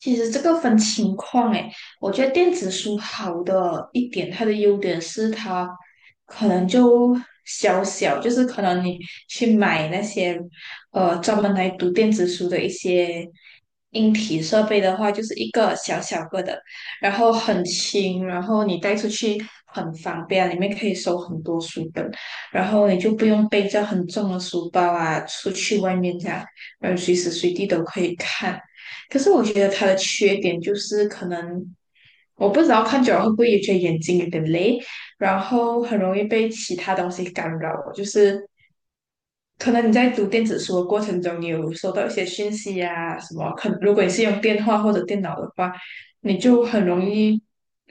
其实这个分情况诶，我觉得电子书好的一点，它的优点是它可能就小小，就是可能你去买那些专门来读电子书的一些硬体设备的话，就是一个小小个的，然后很轻，然后你带出去很方便，里面可以收很多书本，然后你就不用背着很重的书包啊，出去外面这样，嗯，随时随地都可以看。可是我觉得它的缺点就是可能我不知道看久了会不会也觉得眼睛有点累，然后很容易被其他东西干扰，就是可能你在读电子书的过程中，你有收到一些讯息啊什么，可如果你是用电话或者电脑的话，你就很容易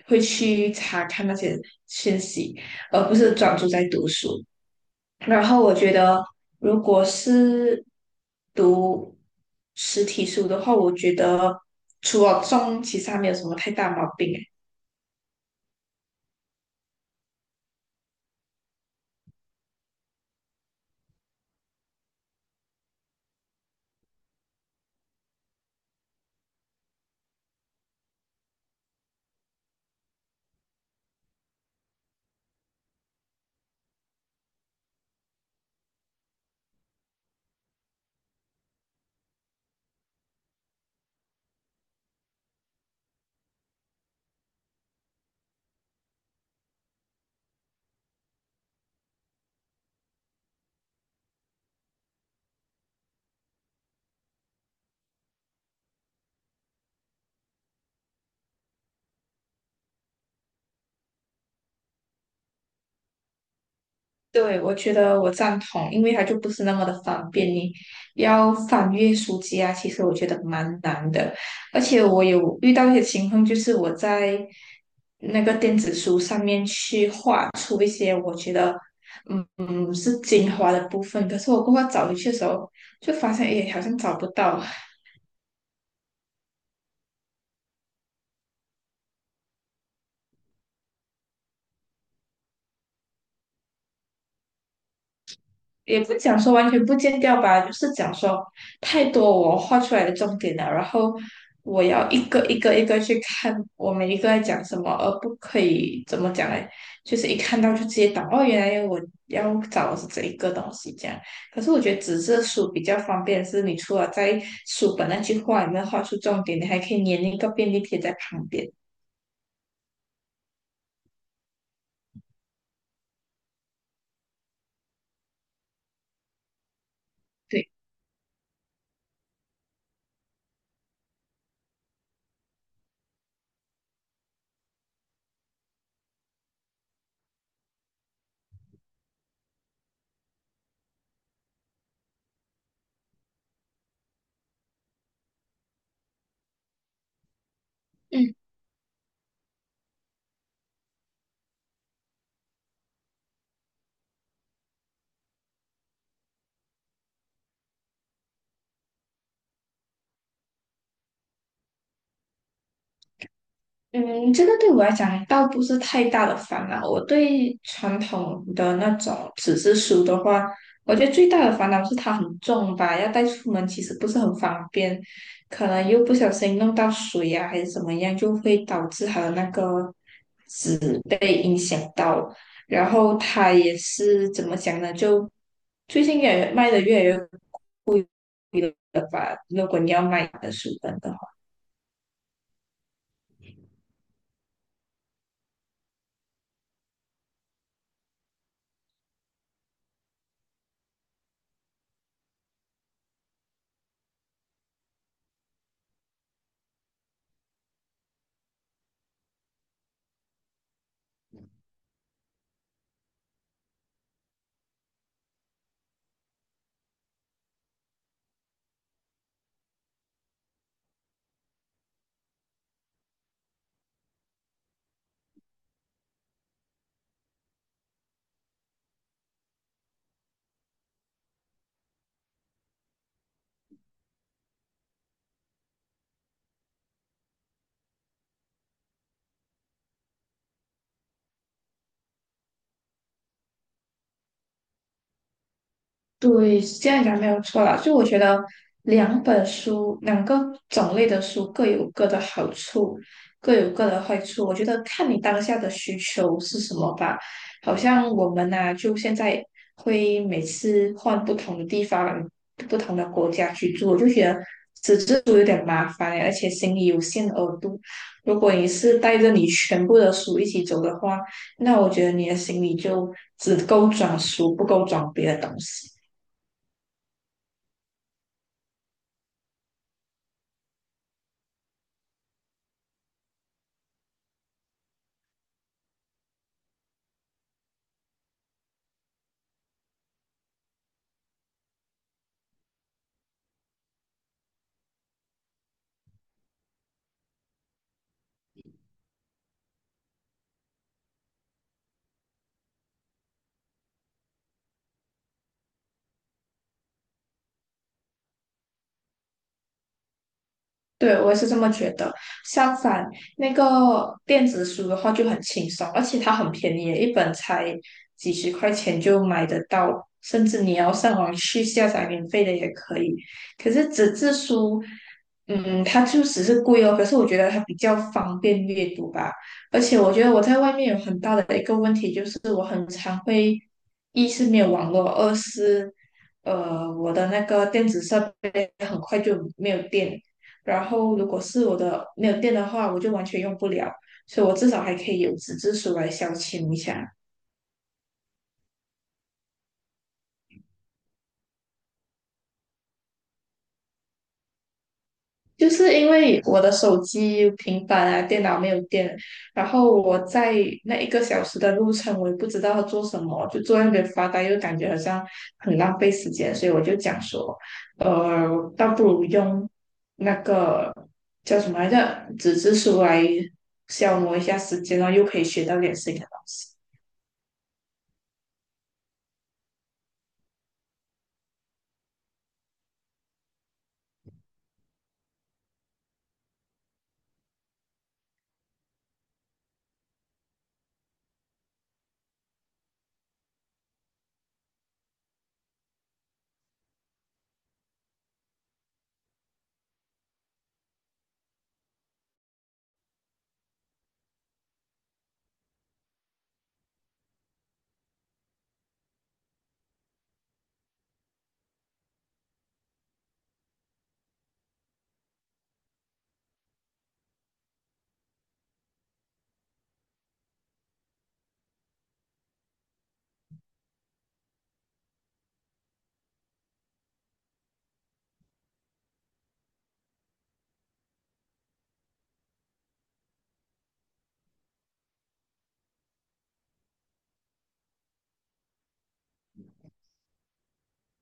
会去查看那些讯息，而不是专注在读书。然后我觉得，如果是读实体书的话，我觉得除了重，其实还没有什么太大毛病啊。对，我觉得我赞同，因为它就不是那么的方便，你要翻阅书籍啊，其实我觉得蛮难的。而且我有遇到一些情况，就是我在那个电子书上面去画出一些我觉得是精华的部分，可是我过后找回去的时候，就发现诶好像找不到。也不讲说完全不见掉吧，就是讲说太多我画出来的重点了，然后我要一个一个去看我每一个在讲什么，而不可以怎么讲呢？就是一看到就直接懂哦，原来我要找的是这一个东西这样。可是我觉得纸质书比较方便，是你除了在书本那句话里面画出重点，你还可以粘一个便利贴在旁边。对，嗯。嗯，这个对我来讲倒不是太大的烦恼。我对传统的那种纸质书的话，我觉得最大的烦恼是它很重吧，要带出门其实不是很方便，可能又不小心弄到水啊，还是怎么样，就会导致它的那个被影响。然后它也是怎么讲呢？就最近也卖的越来越贵了吧？如果你要买的书本的话。对，是这样讲没有错啦。就我觉得两本书，两个种类的书各有各的好处，各有各的坏处。我觉得看你当下的需求是什么吧。好像我们呐、就现在会每次换不同的地方、不同的国家去住，我就觉得纸质书有点麻烦欸，而且行李有限额度。如果你是带着你全部的书一起走的话，那我觉得你的行李就只够装书，不够装别的东西。对，我也是这么觉得。相反，那个电子书的话就很轻松，而且它很便宜，一本才几十块钱就买得到，甚至你要上网去下载免费的也可以。可是纸质书，嗯，它就只是贵哦。可是我觉得它比较方便阅读吧，而且我觉得我在外面有很大的一个问题就是，一是没有网络，二是我的那个电子设备很快就没有电，然后如果是我的没有电的话，我就完全用不了，所以我至少还可以有纸质书来消遣一下。就是因为我的手机、平板啊、电脑没有电，然后我在那一个小时的路程，我也不知道要做什么，就坐在那边发呆，又感觉好像很浪费时间，所以我就讲说，呃，倒不如用那个叫什么来着，纸质书来消磨一下时间，然后又可以学到点新的东西。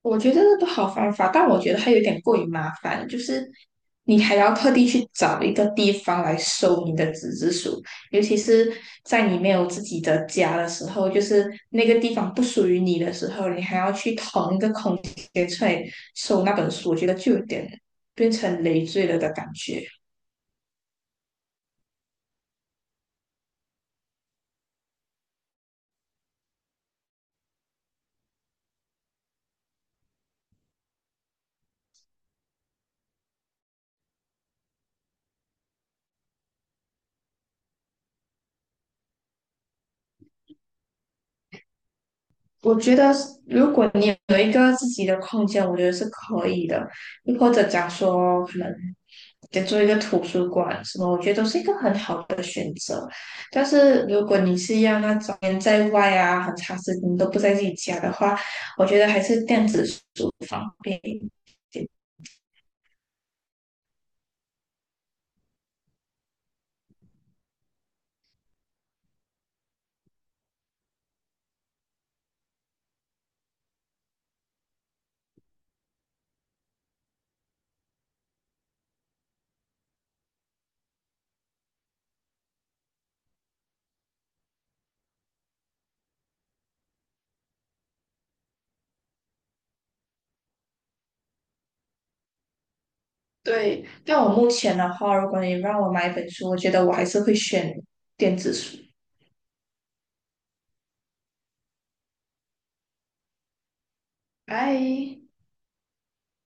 我觉得那个好方法，但我觉得它有点过于麻烦，就是你还要特地去找一个地方来收你的纸质书，尤其是在你没有自己的家的时候，就是那个地方不属于你的时候，你还要去腾一个空间出来收那本书，我觉得就有点变成累赘了的感觉。我觉得是如果你有一个自己的空间，我觉得是可以的。又或者讲说，可能得做一个图书馆什么，我觉得都是一个很好的选择。但是如果你是要那种人在外啊，很长时间都不在自己家的话，我觉得还是电子书方便一点。对，但我目前的话，如果你让我买一本书，我觉得我还是会选电子书。拜。